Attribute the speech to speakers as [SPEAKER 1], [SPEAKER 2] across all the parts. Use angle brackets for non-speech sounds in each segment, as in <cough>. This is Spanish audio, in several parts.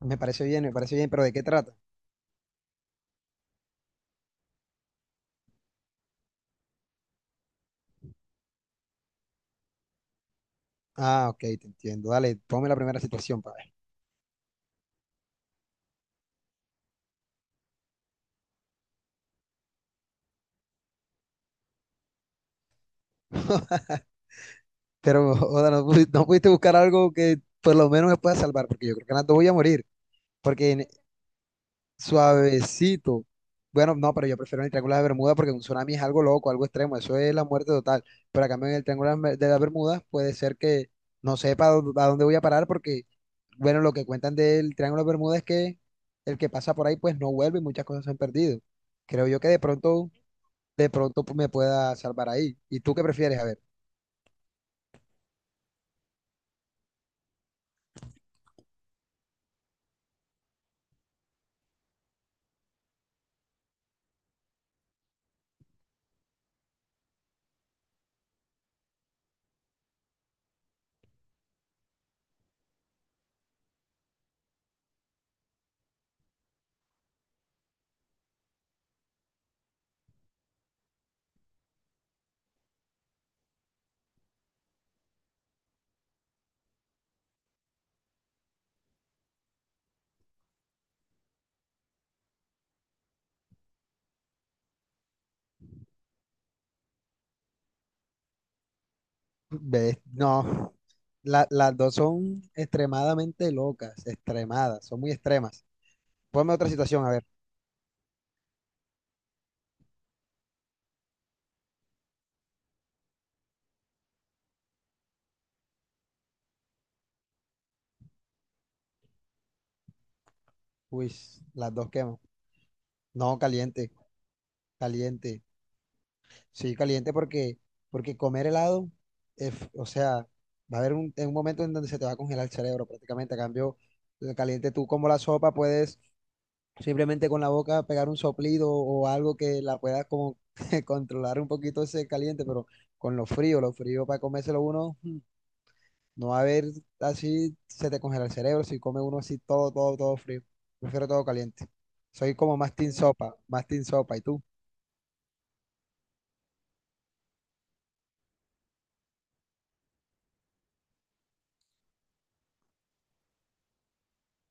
[SPEAKER 1] Me parece bien, pero ¿de qué trata? Ah, ok, te entiendo. Dale, ponme la primera situación para ver. Pero, <laughs> o sea, no, no pudiste buscar algo que por lo menos me pueda salvar, porque yo creo que en las dos voy a morir. Porque en- Suavecito. Bueno, no, pero yo prefiero el Triángulo de Bermuda porque un tsunami es algo loco, algo extremo. Eso es la muerte total. Pero a cambio en el Triángulo de las Bermudas puede ser que no sepa a dónde voy a parar porque, bueno, lo que cuentan del Triángulo de Bermuda es que el que pasa por ahí pues no vuelve y muchas cosas se han perdido. Creo yo que de pronto pues, me pueda salvar ahí. ¿Y tú qué prefieres? A ver, ves, no, las dos son extremadamente locas, extremadas, son muy extremas. Ponme otra situación, a ver. Uy, las dos quemo. No, caliente, caliente. Sí, caliente porque comer helado, o sea, va a haber en un momento en donde se te va a congelar el cerebro prácticamente. A cambio, el caliente tú como la sopa puedes simplemente con la boca pegar un soplido o algo que la pueda como <laughs> controlar un poquito ese caliente, pero con lo frío, para comérselo uno, no va a haber así, se te congela el cerebro si come uno así todo, todo, todo frío. Prefiero todo caliente. Soy como más team sopa, más team sopa. ¿Y tú?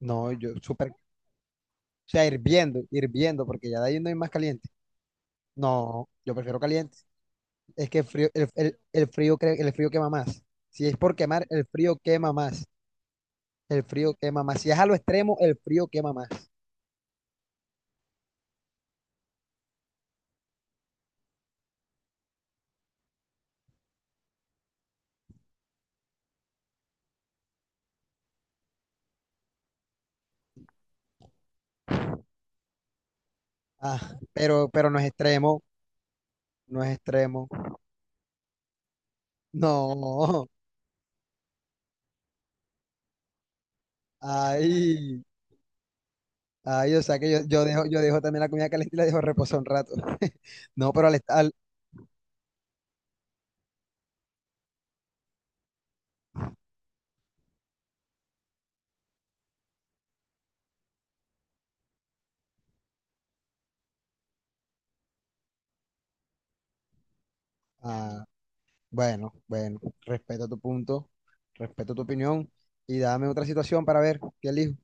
[SPEAKER 1] No, yo súper, o sea, hirviendo, hirviendo, porque ya de ahí no hay más caliente. No, yo prefiero caliente. Es que el frío, el frío, el frío quema más. Si es por quemar, el frío quema más. El frío quema más. Si es a lo extremo, el frío quema más. Ah, pero no es extremo, no es extremo. No, ay, ay, o sea que yo, dejo también la comida caliente y la dejo reposar un rato. <laughs> No, pero ah, bueno, bueno, respeto tu punto, respeto tu opinión y dame otra situación para ver qué elijo.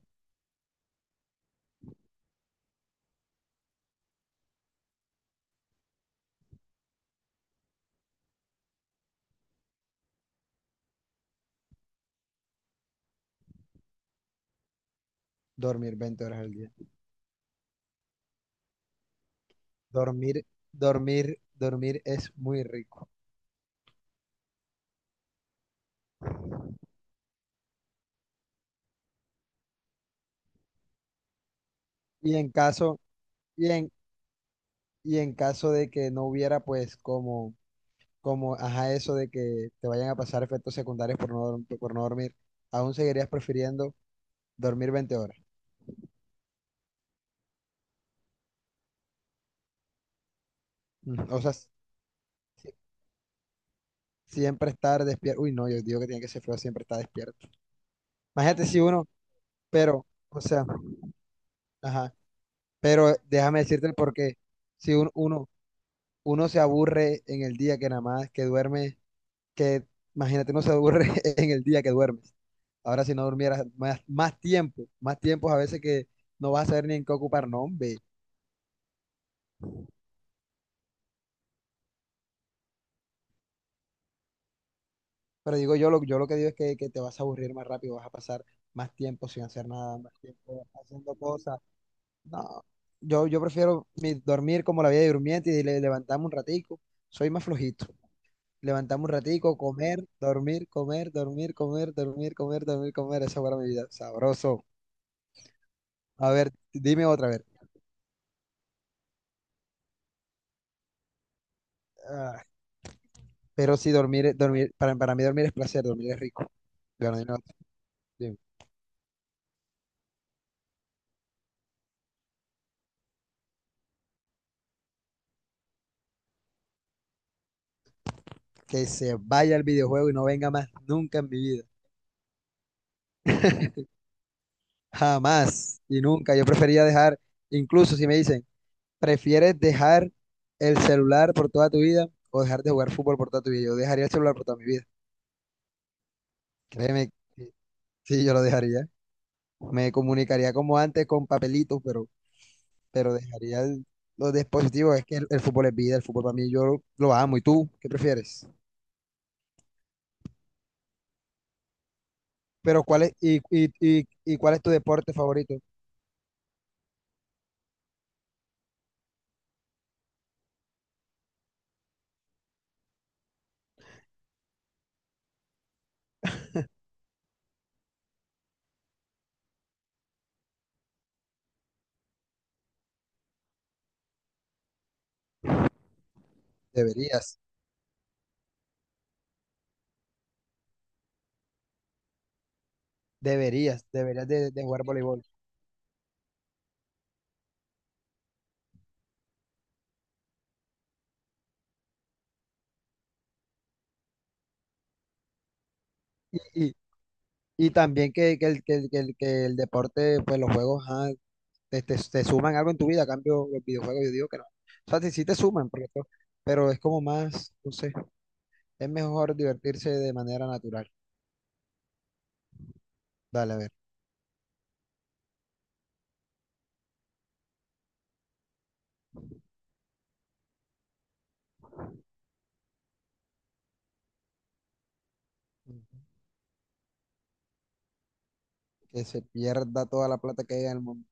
[SPEAKER 1] Dormir 20 horas al día. Dormir, dormir, dormir es muy rico. Y en caso, y en, y en caso de que no hubiera, pues, como, ajá, eso de que te vayan a pasar efectos secundarios por no dormir, aún seguirías prefiriendo dormir 20 horas. O sea, siempre estar despierto. Uy, no, yo digo que tiene que ser feo siempre estar despierto. Imagínate si uno, pero, o sea, ajá, pero déjame decirte el porqué. Si uno se aburre en el día que nada más que duerme, que imagínate, uno se aburre <laughs> en el día que duermes. Ahora si no durmieras más, más tiempo, más tiempos a veces que no vas a saber ni en qué ocupar, no, hombre. Pero digo yo, yo lo que digo es que te vas a aburrir más rápido, vas a pasar más tiempo sin hacer nada, más tiempo haciendo cosas. No, yo prefiero dormir como la vida de durmiente y levantarme un ratico. Soy más flojito. Levantarme un ratico, comer, dormir, comer, dormir, comer, dormir, comer, dormir, comer. Esa fuera mi vida. Sabroso. A ver, dime otra vez. Ah, pero sí, dormir, dormir, para mí dormir es placer, dormir es rico. Bueno, dime otra. Dime. Que se vaya el videojuego y no venga más nunca en mi vida. Jamás y nunca. Yo prefería dejar, incluso si me dicen, ¿prefieres dejar el celular por toda tu vida o dejar de jugar fútbol por toda tu vida? Yo dejaría el celular por toda mi vida. Créeme, que sí, yo lo dejaría. Me comunicaría como antes con papelitos, pero, dejaría los dispositivos. Es que el fútbol es vida, el fútbol para mí yo lo amo. ¿Y tú qué prefieres? Pero ¿cuál es, y cuál es tu deporte favorito? Deberías, deberías de jugar voleibol. Y, Y también que el, que, el, que el que el deporte, pues los juegos, ajá, te, te suman algo en tu vida, a cambio los videojuegos, yo digo que no. O sea, sí, sí te suman, porque pero es como más, no sé, es mejor divertirse de manera natural. Dale, a ver, Ujú. Que se pierda toda la plata que hay en el mundo.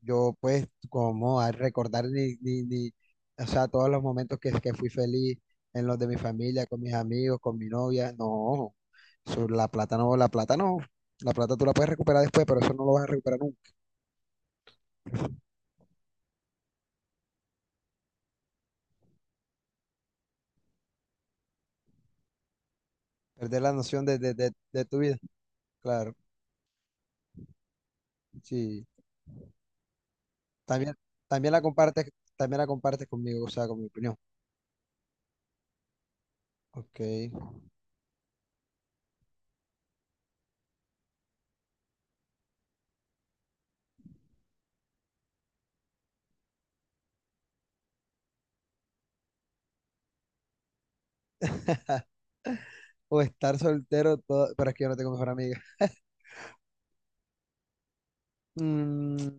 [SPEAKER 1] Yo, pues, como a recordar ni, o sea, todos los momentos que fui feliz en los de mi familia, con mis amigos, con mi novia, no, eso, la plata no, la plata no, la plata tú la puedes recuperar después, pero eso no lo vas a recuperar nunca. Perder la noción de tu vida, claro. Sí. También, también la compartes, también la compartes conmigo, o sea, con mi opinión. Ok. O estar soltero todo, pero es que yo no tengo mejor amiga. Mm,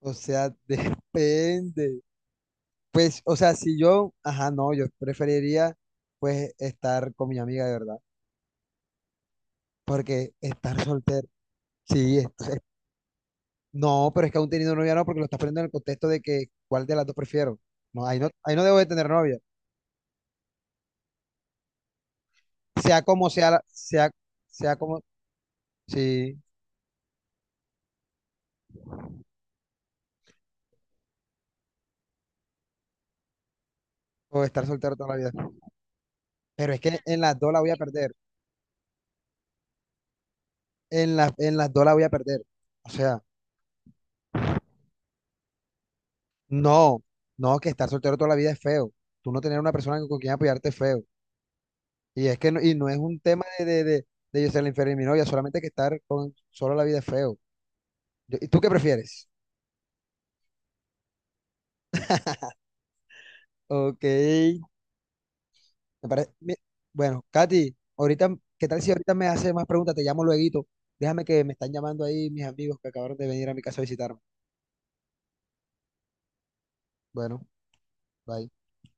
[SPEAKER 1] o sea, <laughs> depende. Pues, o sea, si yo, ajá, no, yo preferiría pues estar con mi amiga de verdad. Porque estar soltero, sí, no, pero es que aún teniendo novia no, porque lo estás poniendo en el contexto de que cuál de las dos prefiero. No, ahí no, ahí no debo de tener novia. Sea como sea, sea, sea como, sí, o estar soltero toda la vida. Pero es que en las dos la voy a perder. En las dos la voy a perder. O sea, no, no, que estar soltero toda la vida es feo. Tú no tener una persona con quien apoyarte es feo. Y es que no, y no es un tema de yo ser la inferior de mi novia, solamente que estar con solo la vida es feo. ¿Y tú qué prefieres? Ok, me parece, bueno, Katy, ahorita, ¿qué tal si ahorita me haces más preguntas? Te llamo lueguito. Déjame que me están llamando ahí mis amigos que acabaron de venir a mi casa a visitar. Bueno, bye.